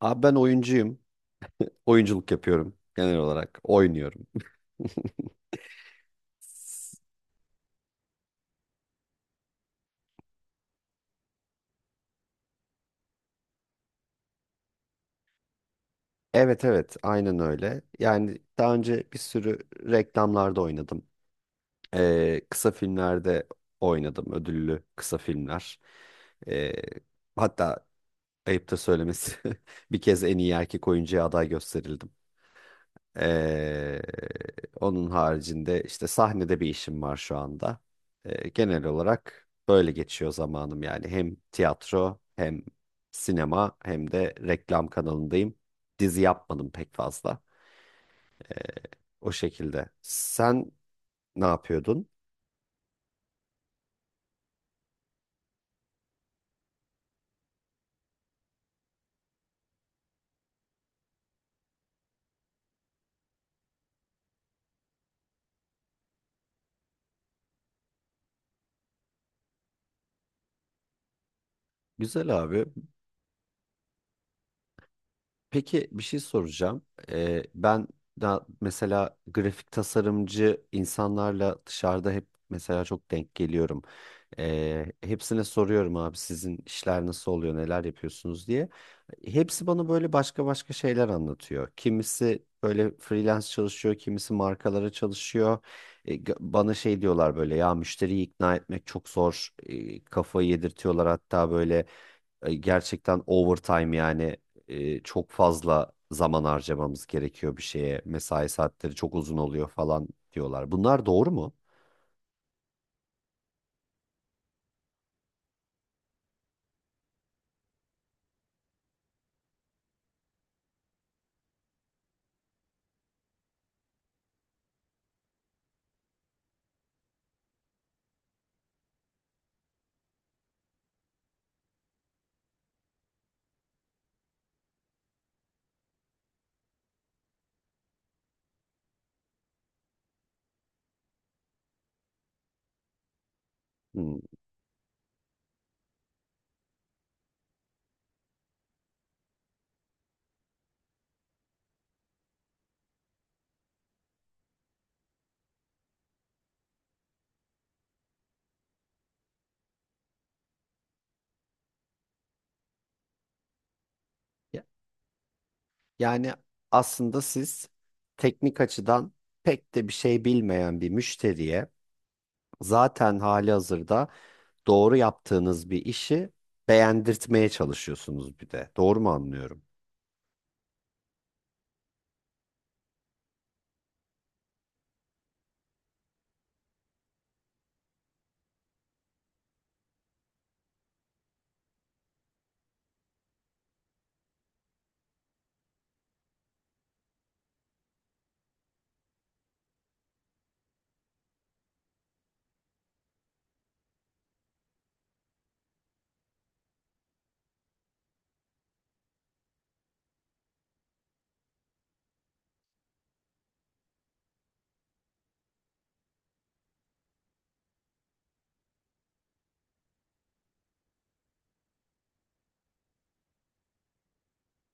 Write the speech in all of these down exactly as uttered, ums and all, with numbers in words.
Abi ben oyuncuyum. Oyunculuk yapıyorum genel olarak. Oynuyorum. Evet, evet, aynen öyle. Yani daha önce bir sürü reklamlarda oynadım. Ee, kısa filmlerde oynadım. Ödüllü kısa filmler. Ee, Hatta ayıp da söylemesi bir kez en iyi erkek oyuncuya aday gösterildim. Ee, Onun haricinde işte sahnede bir işim var şu anda. Ee, genel olarak böyle geçiyor zamanım yani. Hem tiyatro hem sinema hem de reklam kanalındayım. Dizi yapmadım pek fazla. O şekilde. Sen ne yapıyordun? Güzel abi. Peki bir şey soracağım. Ee, ben da mesela grafik tasarımcı insanlarla dışarıda hep mesela çok denk geliyorum. Ee, hepsine soruyorum abi sizin işler nasıl oluyor, neler yapıyorsunuz diye. Hepsi bana böyle başka başka şeyler anlatıyor. Kimisi böyle freelance çalışıyor, kimisi markalara çalışıyor. E, g- bana şey diyorlar böyle ya müşteriyi ikna etmek çok zor. E, kafayı yedirtiyorlar hatta böyle e, gerçekten overtime yani e, çok fazla zaman harcamamız gerekiyor bir şeye. Mesai saatleri çok uzun oluyor falan diyorlar. Bunlar doğru mu? Hmm. Ya- Yani aslında siz teknik açıdan pek de bir şey bilmeyen bir müşteriye zaten hali hazırda doğru yaptığınız bir işi beğendirtmeye çalışıyorsunuz bir de. Doğru mu anlıyorum?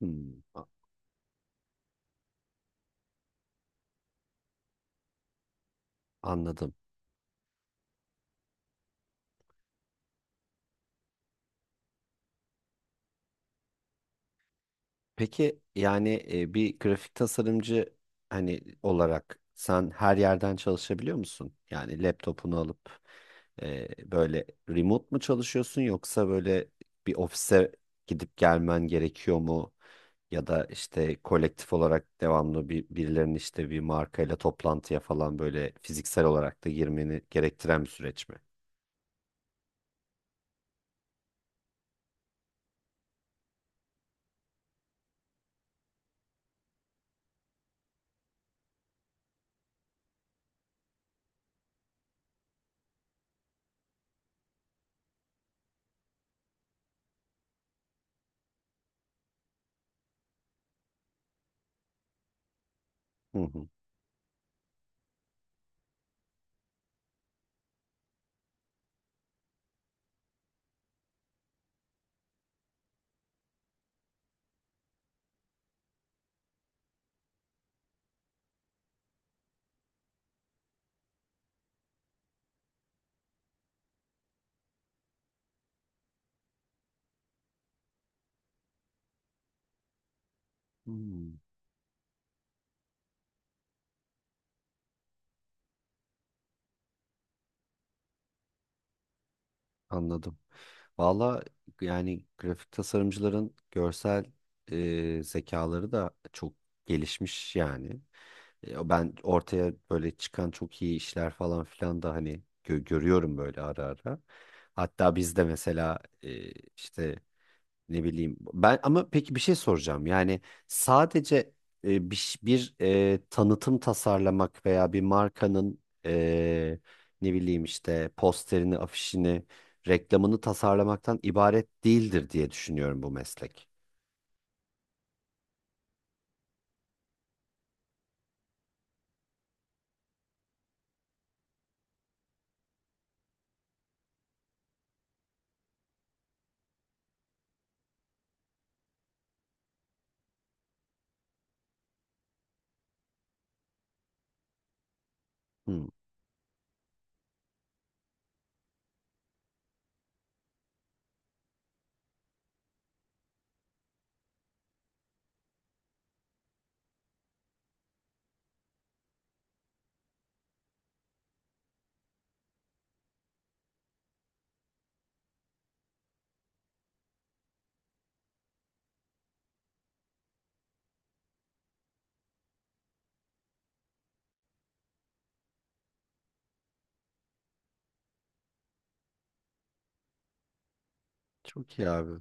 Hmm. a- Anladım. Peki yani e, bir grafik tasarımcı hani olarak sen her yerden çalışabiliyor musun? Yani laptopunu alıp e, böyle remote mu çalışıyorsun yoksa böyle bir ofise gidip gelmen gerekiyor mu? Ya da işte kolektif olarak devamlı bir birilerinin işte bir markayla toplantıya falan böyle fiziksel olarak da girmeni gerektiren bir süreç mi? Hı hı. Hmm, Anladım. Valla yani grafik tasarımcıların görsel e, zekaları da çok gelişmiş yani. E, ben ortaya böyle çıkan çok iyi işler falan filan da hani gö- görüyorum böyle ara ara. Hatta biz de mesela e, işte ne bileyim. Ben ama peki bir şey soracağım. Yani sadece e, bir, ş- bir e, tanıtım tasarlamak veya bir markanın e, ne bileyim işte posterini, afişini, reklamını tasarlamaktan ibaret değildir diye düşünüyorum bu meslek. Hmm, Çok iyi abi.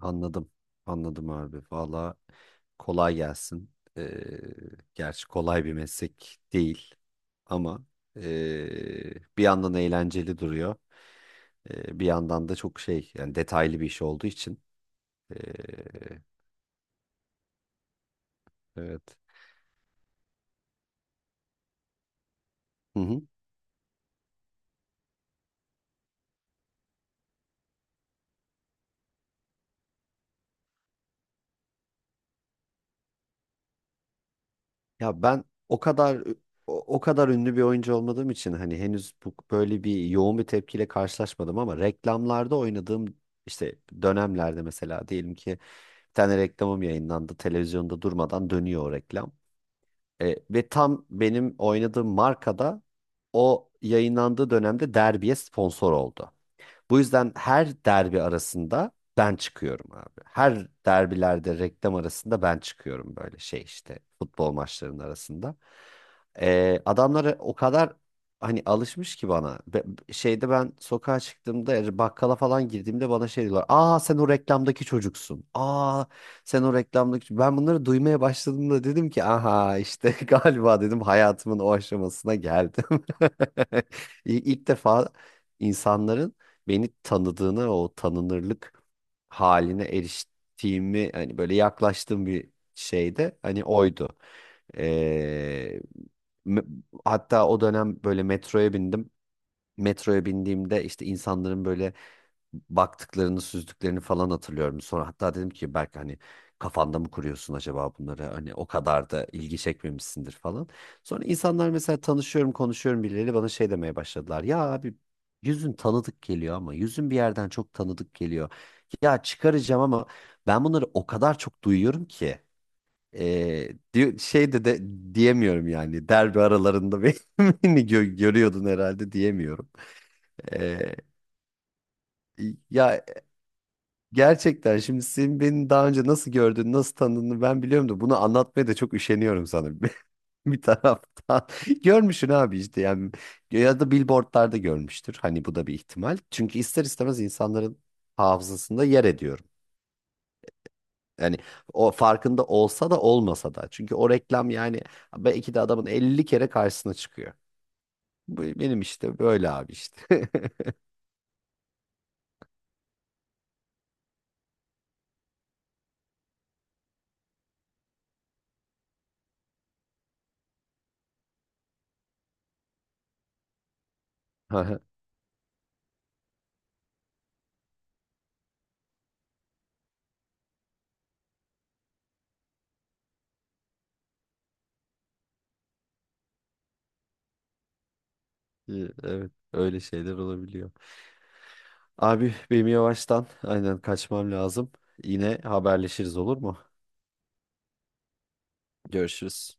Anladım. Anladım abi. Valla kolay gelsin. Ee, Gerçi kolay bir meslek değil ama ee, bir yandan eğlenceli duruyor. E, bir yandan da çok şey yani detaylı bir iş olduğu için. E, evet. Hı hı. Ya ben o kadar o, o kadar ünlü bir oyuncu olmadığım için hani henüz bu, böyle bir yoğun bir tepkiyle karşılaşmadım ama reklamlarda oynadığım işte dönemlerde mesela diyelim ki bir tane reklamım yayınlandı. Televizyonda durmadan dönüyor o reklam. E, ve tam benim oynadığım markada o yayınlandığı dönemde Derbiye sponsor oldu. Bu yüzden her derbi arasında ben çıkıyorum abi. Her derbilerde reklam arasında ben çıkıyorum böyle şey işte futbol maçlarının arasında. Ee, adamları o kadar hani alışmış ki bana. Be- şeyde ben sokağa çıktığımda yani bakkala falan girdiğimde bana şey diyorlar. "Aa, sen o reklamdaki çocuksun. Aa, sen o reklamdaki çocuk-" Ben bunları duymaya başladığımda dedim ki aha işte galiba dedim hayatımın o aşamasına geldim. İ- İlk defa insanların beni tanıdığına o tanınırlık haline eriştiğimi hani böyle yaklaştığım bir şeyde hani oydu. Ee, me- Hatta o dönem böyle metroya bindim. Metroya bindiğimde işte insanların böyle baktıklarını süzdüklerini falan hatırlıyorum. Sonra hatta dedim ki belki hani kafanda mı kuruyorsun acaba bunları hani o kadar da ilgi çekmemişsindir falan. Sonra insanlar mesela tanışıyorum konuşuyorum birileriyle bana şey demeye başladılar. "Ya abi, yüzün tanıdık geliyor ama yüzün bir yerden çok tanıdık geliyor. Ya çıkaracağım ama ben bunları o kadar çok duyuyorum ki." E, diyor- Şey de, de diyemiyorum yani derbi aralarında beni gö- görüyordun herhalde diyemiyorum. Ee, Ya, gerçekten şimdi senin beni daha önce nasıl gördüğünü, nasıl tanıdığını ben biliyorum da bunu anlatmaya da çok üşeniyorum sanırım bir bir taraftan. Görmüşsün abi işte yani ya da billboardlarda görmüştür. Hani bu da bir ihtimal. Çünkü ister istemez insanların hafızasında yer ediyorum. Yani o farkında olsa da olmasa da. Çünkü o reklam yani belki de adamın elli kere karşısına çıkıyor. Bu benim işte böyle abi işte. Evet, öyle şeyler olabiliyor. Abi benim yavaştan aynen kaçmam lazım. Yine haberleşiriz olur mu? Görüşürüz.